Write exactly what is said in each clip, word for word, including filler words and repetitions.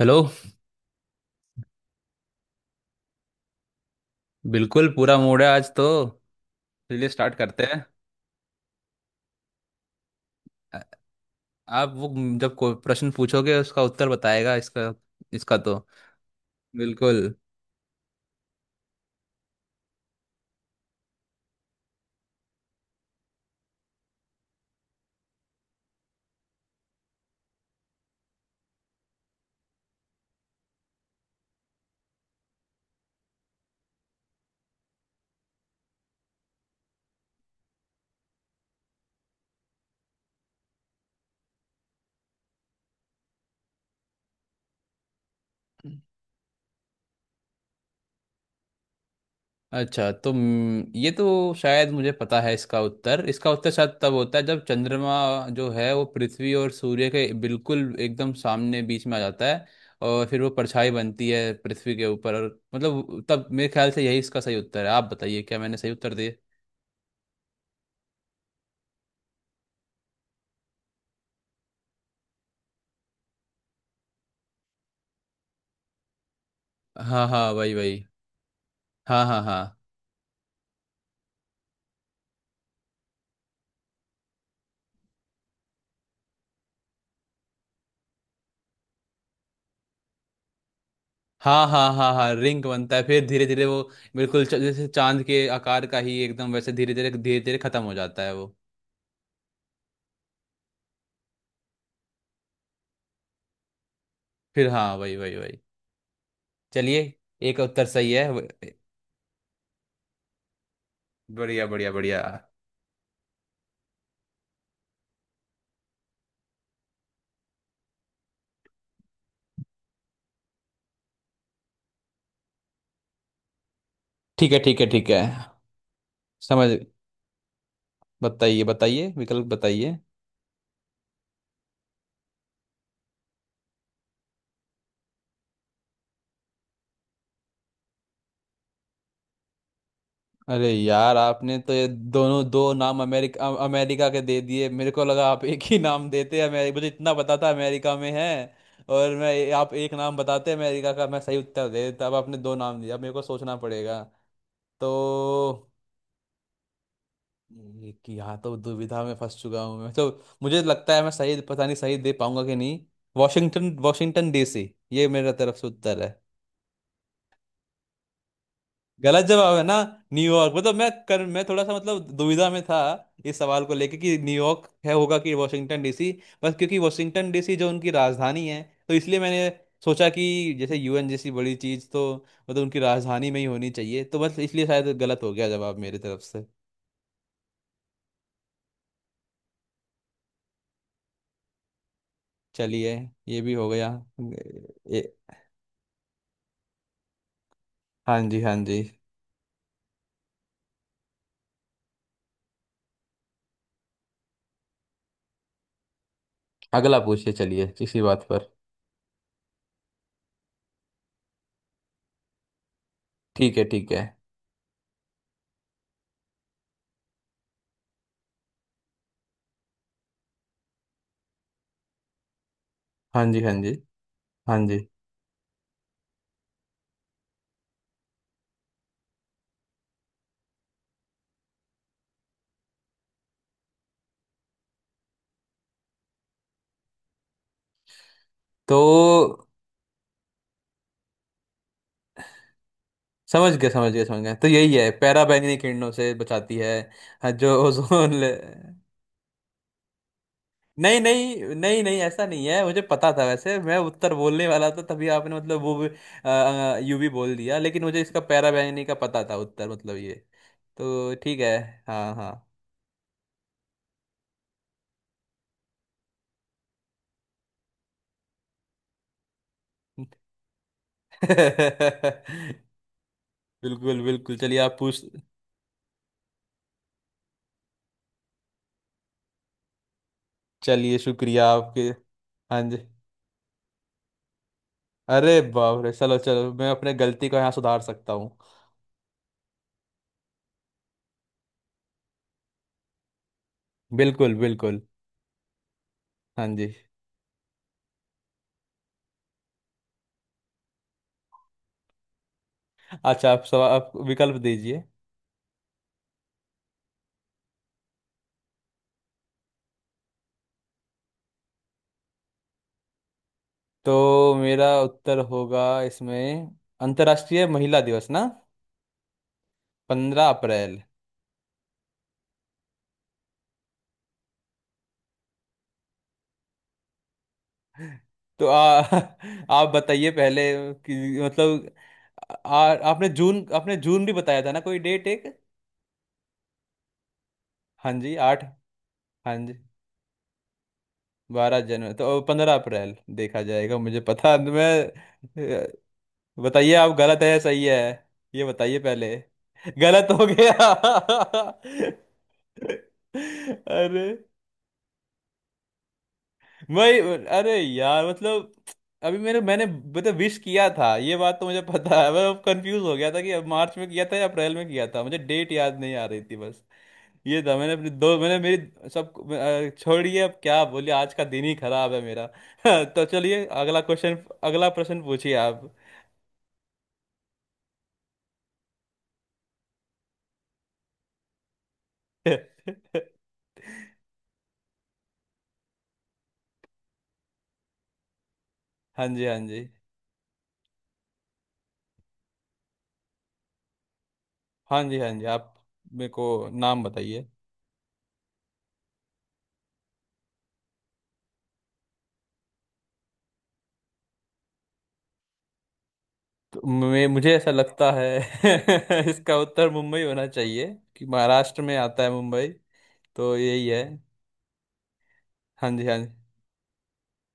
Hello. बिल्कुल पूरा mood है आज तो। चलिए स्टार्ट करते हैं। आ- आप वो जब कोई प्रश्न पूछोगे उसका उत्तर बताएगा इसका इसका तो। बिल्कुल। अच्छा तो हम्म, ये तो शायद मुझे पता है इसका उत्तर इसका उत्तर शायद तब होता है जब चंद्रमा जो है वो पृथ्वी और सूर्य के बिल्कुल एकदम सामने बीच में आ जाता है और फिर वो परछाई बनती है पृथ्वी के ऊपर। और मतलब तब मेरे ख्याल से यही इसका सही उत्तर है। आप बताइए क्या मैंने सही उत्तर दिए? हाँ, हाँ, वही, वही। हाँ, हाँ, हाँ। हाँ, हाँ, हाँ, हाँ, रिंग बनता है फिर धीरे धीरे वो बिल्कुल च- जैसे चांद के आकार का ही एकदम वैसे धीरे धीरे धीरे धीरे खत्म हो जाता है वो। फिर हाँ, वही, वही, वही। चलिए। एक उत्तर सही है व- बढ़िया, बढ़िया, बढ़िया। ठीक है, ठीक है, ठीक है। समझ। बताइए, बताइए, विकल्प बताइए। अरे यार, आपने तो ये दोनों दो नाम अमेरिका, अमेरिका के दे दिए। मेरे को लगा आप एक ही नाम देते अमेरिका। मुझे इतना पता था अमेरिका में है। और मैं, आप एक नाम बताते अमेरिका का, मैं सही उत्तर दे देता। अब आपने दो नाम दिया, अब मेरे को सोचना पड़ेगा तो। एक यहाँ तो दुविधा में फंस चुका हूँ मैं तो। मुझे लगता है मैं सही, पता नहीं सही दे पाऊंगा कि नहीं। वॉशिंगटन वॉशिंगटन डीसी, ये मेरा तरफ से उत्तर है। गलत जवाब है ना? न्यूयॉर्क, मतलब मैं कर मैं थोड़ा सा मतलब दुविधा में था इस सवाल को लेके कि न्यूयॉर्क है होगा कि वॉशिंगटन डीसी। बस क्योंकि वॉशिंगटन डीसी जो उनकी राजधानी है, तो इसलिए मैंने सोचा कि जैसे यूएन जैसी बड़ी चीज़ तो मतलब उनकी राजधानी में ही होनी चाहिए, तो बस इसलिए शायद गलत हो गया जवाब मेरी तरफ से। चलिए, ये भी हो गया। ए, हाँ जी, हाँ जी। अगला पूछिए, चलिए इसी बात पर। ठीक है, ठीक है। हाँ जी, हाँ जी, हाँ जी। तो समझ गया, समझ गया, समझ गया। तो यही है, पैरा बैंगनी किरणों से बचाती है। हाँ, जो ओजोन ले। नहीं, नहीं, नहीं, नहीं, ऐसा नहीं है। मुझे पता था, वैसे मैं उत्तर बोलने वाला था तभी आपने मतलब वो यूवी बोल दिया, लेकिन मुझे इसका पैरा बैंगनी का पता था उत्तर, मतलब ये। तो ठीक है। हाँ, हाँ। बिल्कुल, बिल्कुल, चलिए आप पूछ। चलिए, शुक्रिया आपके। हाँ जी। अरे बाप रे, चलो, चलो, मैं अपने गलती को यहाँ सुधार सकता हूँ। बिल्कुल, बिल्कुल। हाँ जी। अच्छा, आप सवाल आप विकल्प दीजिए। तो मेरा उत्तर होगा इसमें, अंतर्राष्ट्रीय महिला दिवस ना, पंद्रह अप्रैल। तो आ, आप बताइए पहले कि मतलब, आ, आपने जून आपने जून भी बताया था ना कोई डेट एक। हाँ जी, आठ। हाँ जी, बारह जनवरी तो पंद्रह अप्रैल, देखा जाएगा, मुझे पता, मैं। अ, बताइए आप, गलत है या सही है। ये बताइए पहले। गलत हो गया। अरे, वही। अरे यार, मतलब, अभी मेरे मैंने मतलब विश किया था, ये बात तो मुझे पता है। मैं कंफ्यूज हो गया था कि अब मार्च में किया था या अप्रैल में किया था, मुझे डेट याद नहीं आ रही थी बस। ये था, मैंने अपनी दो, मैंने मेरी सब, अ, छोड़िए। अब क्या बोलिए, आज का दिन ही खराब है मेरा। तो चलिए अगला क्वेश्चन, अगला प्रश्न पूछिए आप। हाँ जी, हाँ जी, हाँ जी, हाँ जी। आप मेरे को नाम बताइए। तो मैं मुझे ऐसा लगता है, इसका उत्तर मुंबई होना चाहिए कि महाराष्ट्र में आता है मुंबई। तो यही है। हाँ जी, हाँ जी,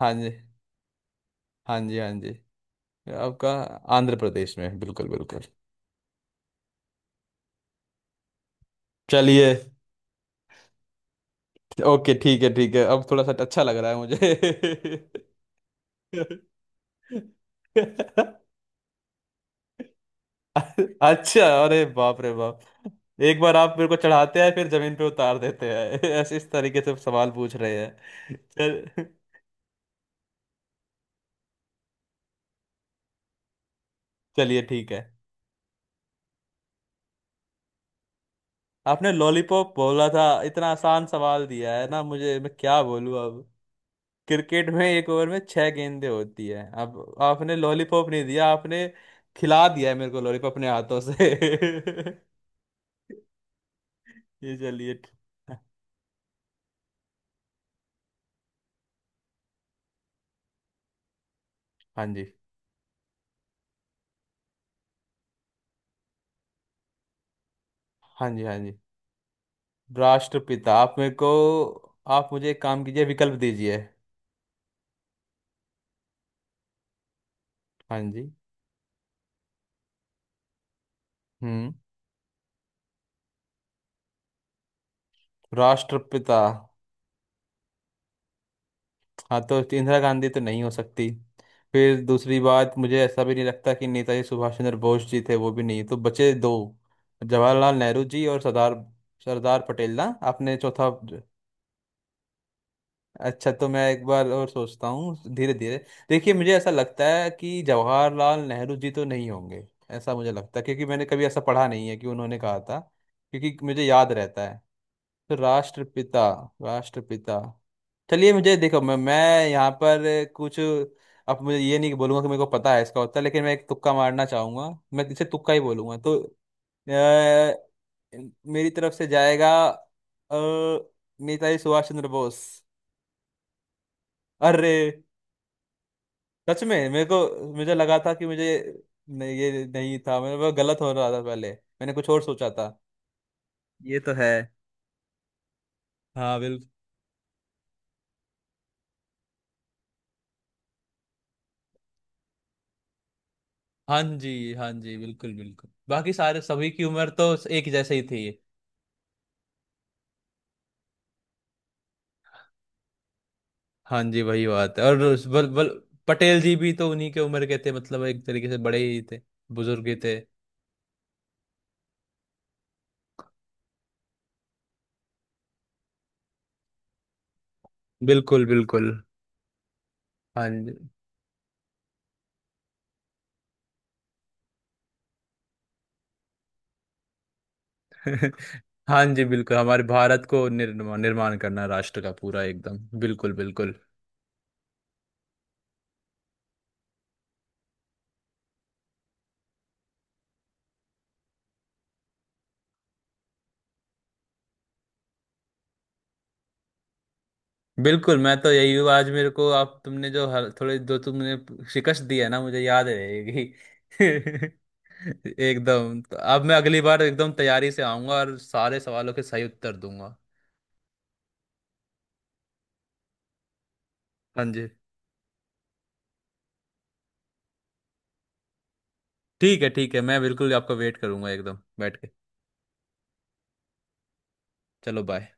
हाँ जी, हाँ जी, हाँ जी। आपका आंध्र प्रदेश में, बिल्कुल, बिल्कुल। चलिए। ओके, ठीक है, ठीक है, अब थोड़ा सा अच्छा लग रहा है मुझे। अच्छा, अरे बाप रे बाप। एक बार आप मेरे को चढ़ाते हैं फिर जमीन पे उतार देते हैं, ऐसे इस तरीके से सवाल पूछ रहे हैं। चल चलिए, ठीक है। आपने लॉलीपॉप बोला था, इतना आसान सवाल दिया है ना मुझे, मैं क्या बोलूं अब। क्रिकेट में एक ओवर में छह गेंदें होती है। अब आपने लॉलीपॉप नहीं दिया, आपने खिला दिया है मेरे को लॉलीपॉप अपने हाथों से। ये चलिए ठीक- हाँ जी, हाँ जी, हाँ जी। राष्ट्रपिता, आप मेरे को। आप मुझे एक काम कीजिए, विकल्प दीजिए। हाँ जी। हम्म। राष्ट्रपिता। हाँ, तो इंदिरा गांधी तो नहीं हो सकती। फिर दूसरी बात, मुझे ऐसा भी नहीं लगता कि नेताजी सुभाष चंद्र बोस जी थे। वो भी नहीं, तो बचे दो, जवाहरलाल नेहरू जी और सरदार सरदार पटेल ना। आपने चौथा। अच्छा, तो मैं एक बार और सोचता हूँ धीरे धीरे। देखिए, मुझे ऐसा लगता है कि जवाहरलाल नेहरू जी तो नहीं होंगे, ऐसा मुझे लगता है, क्योंकि मैंने कभी ऐसा पढ़ा नहीं है कि उन्होंने कहा था, क्योंकि मुझे याद रहता है। तो राष्ट्रपिता, राष्ट्रपिता, चलिए मुझे देखो, मैं मैं यहाँ पर कुछ, अब मुझे ये नहीं बोलूंगा कि मेरे को पता है इसका उत्तर, लेकिन मैं एक तुक्का मारना चाहूंगा। मैं इसे तुक्का ही बोलूंगा। तो अ, मेरी तरफ से जाएगा अ, नेताजी सुभाष चंद्र बोस। अरे, सच में मेरे को मुझे लगा था कि मुझे, नहीं, ये नहीं था मेरे को, गलत हो रहा था, पहले मैंने कुछ और सोचा था। ये तो है। हाँ, हाँ जी, हाँ जी, बिल्कुल, बिल्कुल, बाकी सारे सभी की उम्र तो एक जैसे ही थी। हाँ जी, वही बात है। और उस बल, बल, पटेल जी भी तो उन्हीं के उम्र के थे, मतलब एक तरीके से बड़े ही थे, बुजुर्ग ही थे। बिल्कुल, बिल्कुल। हाँ जी। हाँ जी, बिल्कुल, हमारे भारत को निर्मा निर्माण करना राष्ट्र का पूरा, एकदम बिल्कुल, बिल्कुल, बिल्कुल। मैं तो यही हूँ। आज मेरे को आप तुमने जो हल, थोड़े जो तुमने शिकस्त दी है ना, मुझे याद रहेगी। एकदम, तो अब मैं अगली बार एकदम तैयारी से आऊंगा और सारे सवालों के सही उत्तर दूंगा। हाँ जी। ठीक है, ठीक है, मैं बिल्कुल आपका वेट करूंगा एकदम बैठ के। चलो बाय।